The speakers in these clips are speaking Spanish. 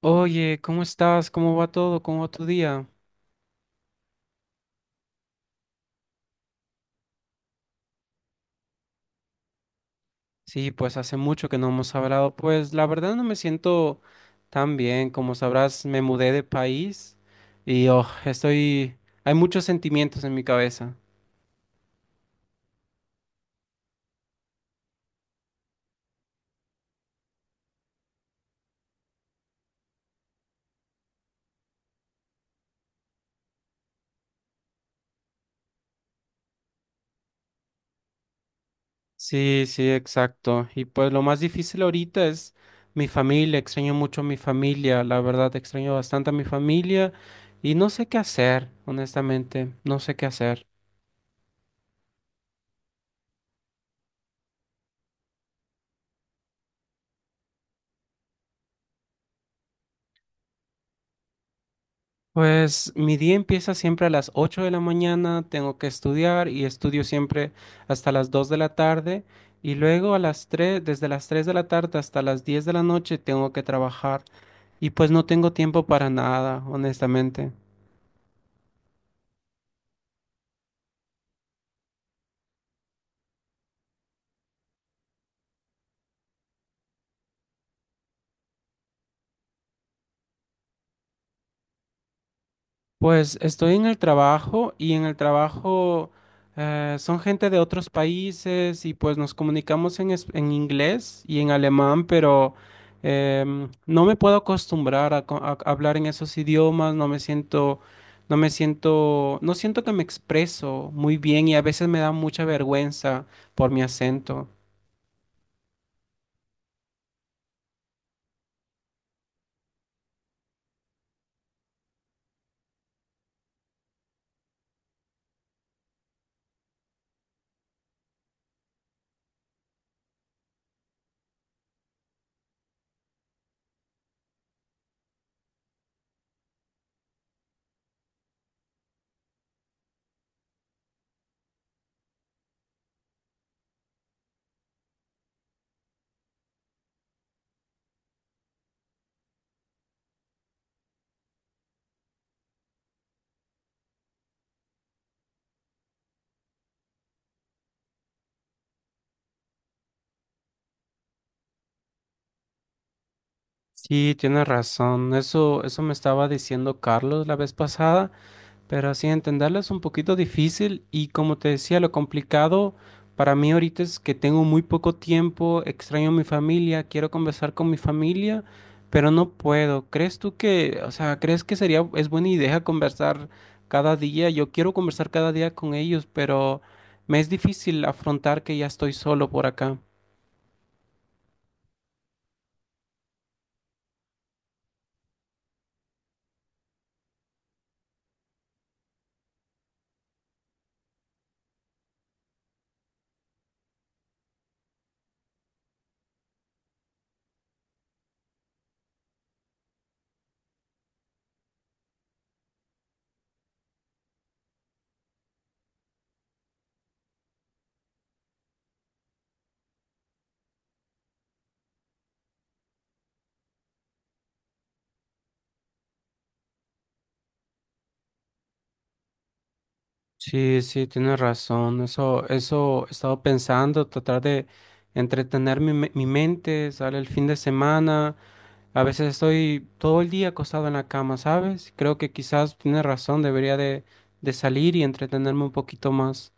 Oye, ¿cómo estás? ¿Cómo va todo? ¿Cómo va tu día? Sí, pues hace mucho que no hemos hablado. Pues la verdad no me siento tan bien. Como sabrás, me mudé de país y oh, estoy... Hay muchos sentimientos en mi cabeza. Sí, sí, exacto. Y pues lo más difícil ahorita es mi familia. Extraño mucho a mi familia. La verdad, extraño bastante a mi familia y no sé qué hacer, honestamente. No sé qué hacer. Pues mi día empieza siempre a las 8 de la mañana, tengo que estudiar y estudio siempre hasta las 2 de la tarde y luego a las 3, desde las 3 de la tarde hasta las 10 de la noche tengo que trabajar y pues no tengo tiempo para nada, honestamente. Pues estoy en el trabajo y en el trabajo son gente de otros países y pues nos comunicamos en inglés y en alemán, pero no me puedo acostumbrar a hablar en esos idiomas, no me siento, no siento que me expreso muy bien y a veces me da mucha vergüenza por mi acento. Sí, tienes razón. Eso me estaba diciendo Carlos la vez pasada. Pero así entenderla es un poquito difícil y como te decía, lo complicado para mí ahorita es que tengo muy poco tiempo, extraño a mi familia, quiero conversar con mi familia, pero no puedo. ¿Crees tú que crees que sería, es buena idea conversar cada día? Yo quiero conversar cada día con ellos, pero me es difícil afrontar que ya estoy solo por acá. Sí, sí, tienes razón. Eso he estado pensando, tratar de entretener mi mente, sale el fin de semana. A veces estoy todo el día acostado en la cama, ¿sabes? Creo que quizás tienes razón, debería de salir y entretenerme un poquito más.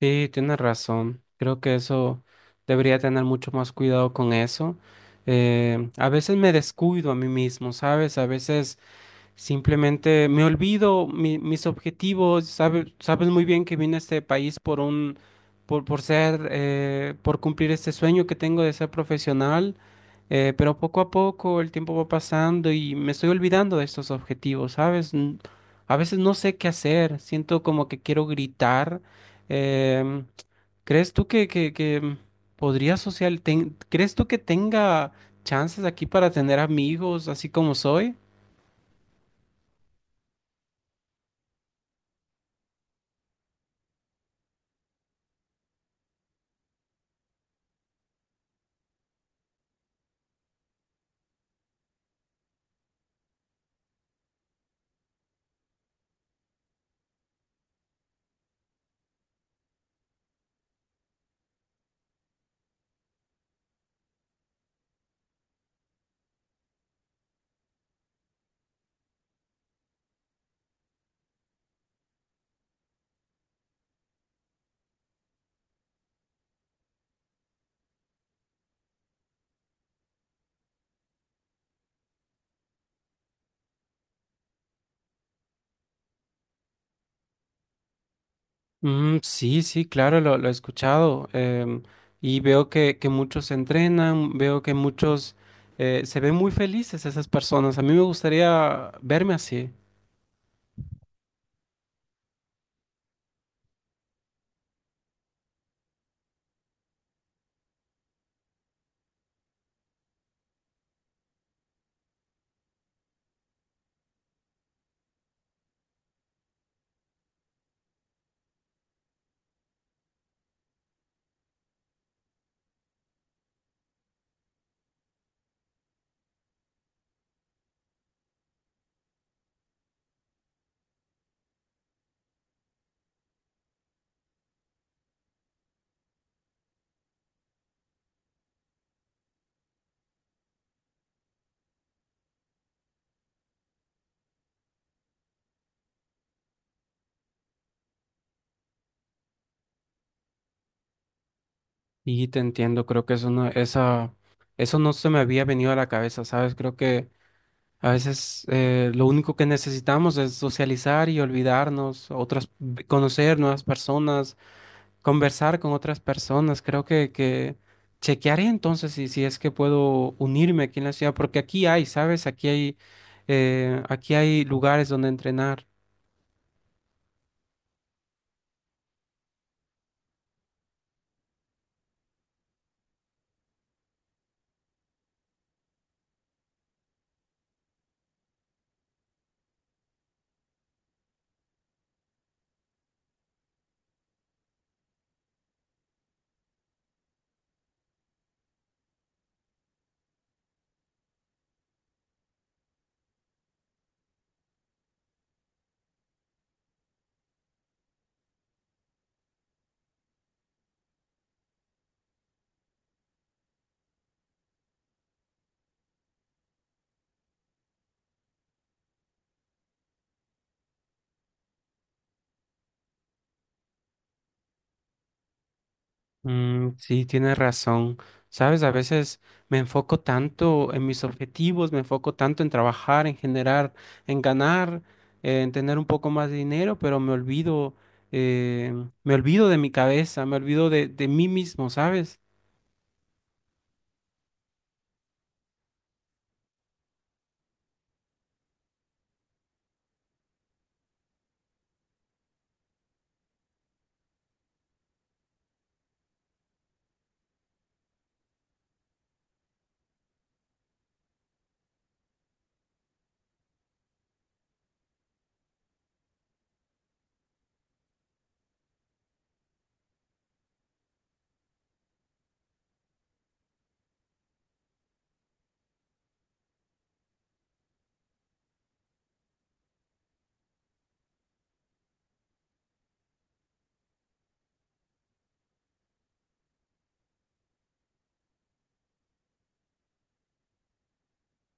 Sí, tienes razón. Creo que eso debería tener mucho más cuidado con eso. A veces me descuido a mí mismo, ¿sabes? A veces simplemente me olvido mis objetivos. Sabes, sabes muy bien que vine a este país por ser, por cumplir este sueño que tengo de ser profesional. Pero poco a poco el tiempo va pasando y me estoy olvidando de estos objetivos, ¿sabes? A veces no sé qué hacer. Siento como que quiero gritar. em, ¿Crees tú que podría ¿crees tú que tenga chances aquí para tener amigos así como soy? Mm, sí, sí, claro, lo he escuchado y veo que muchos entrenan, veo que muchos se ven muy felices esas personas. A mí me gustaría verme así y te entiendo, creo que eso no se me había venido a la cabeza, ¿sabes? Creo que a veces lo único que necesitamos es socializar y olvidarnos, otras, conocer nuevas personas, conversar con otras personas. Creo que chequearé entonces si, si es que puedo unirme aquí en la ciudad, porque aquí hay, ¿sabes? Aquí hay lugares donde entrenar. Mm, sí, tienes razón. ¿Sabes? A veces me enfoco tanto en mis objetivos, me enfoco tanto en trabajar, en generar, en ganar, en tener un poco más de dinero, pero eh, me olvido de mi cabeza, me olvido de mí mismo, ¿sabes?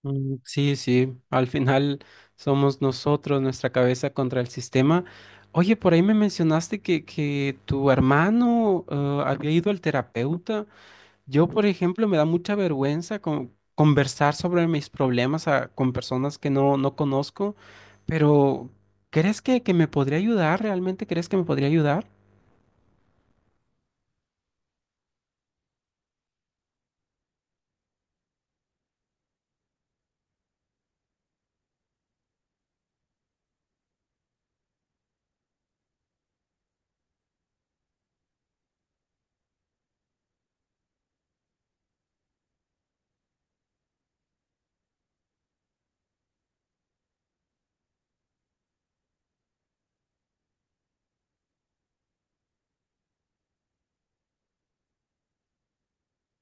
Mm, sí, sí, al final somos nosotros, nuestra cabeza contra el sistema. Oye, por ahí me mencionaste que tu hermano había ido al terapeuta. Yo, por ejemplo, me da mucha vergüenza conversar sobre mis problemas con personas que no, no conozco, pero ¿crees que me podría ayudar? ¿Realmente crees que me podría ayudar?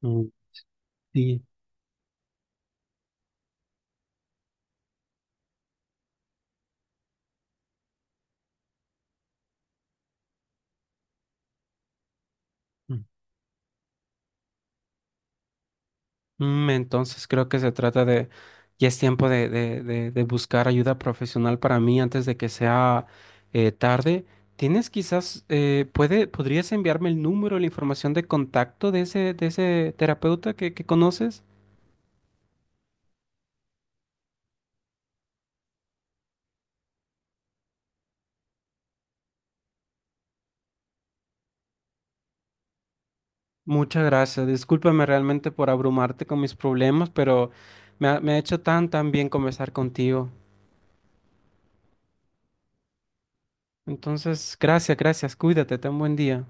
Mm, sí. Mm, entonces creo que se trata de, ya es tiempo de, de buscar ayuda profesional para mí antes de que sea tarde. ¿Tienes quizás, puede, podrías enviarme el número, la información de contacto de ese terapeuta que conoces? Muchas gracias. Discúlpame realmente por abrumarte con mis problemas, pero me ha hecho tan, tan bien conversar contigo. Entonces, gracias, gracias. Cuídate, ten buen día.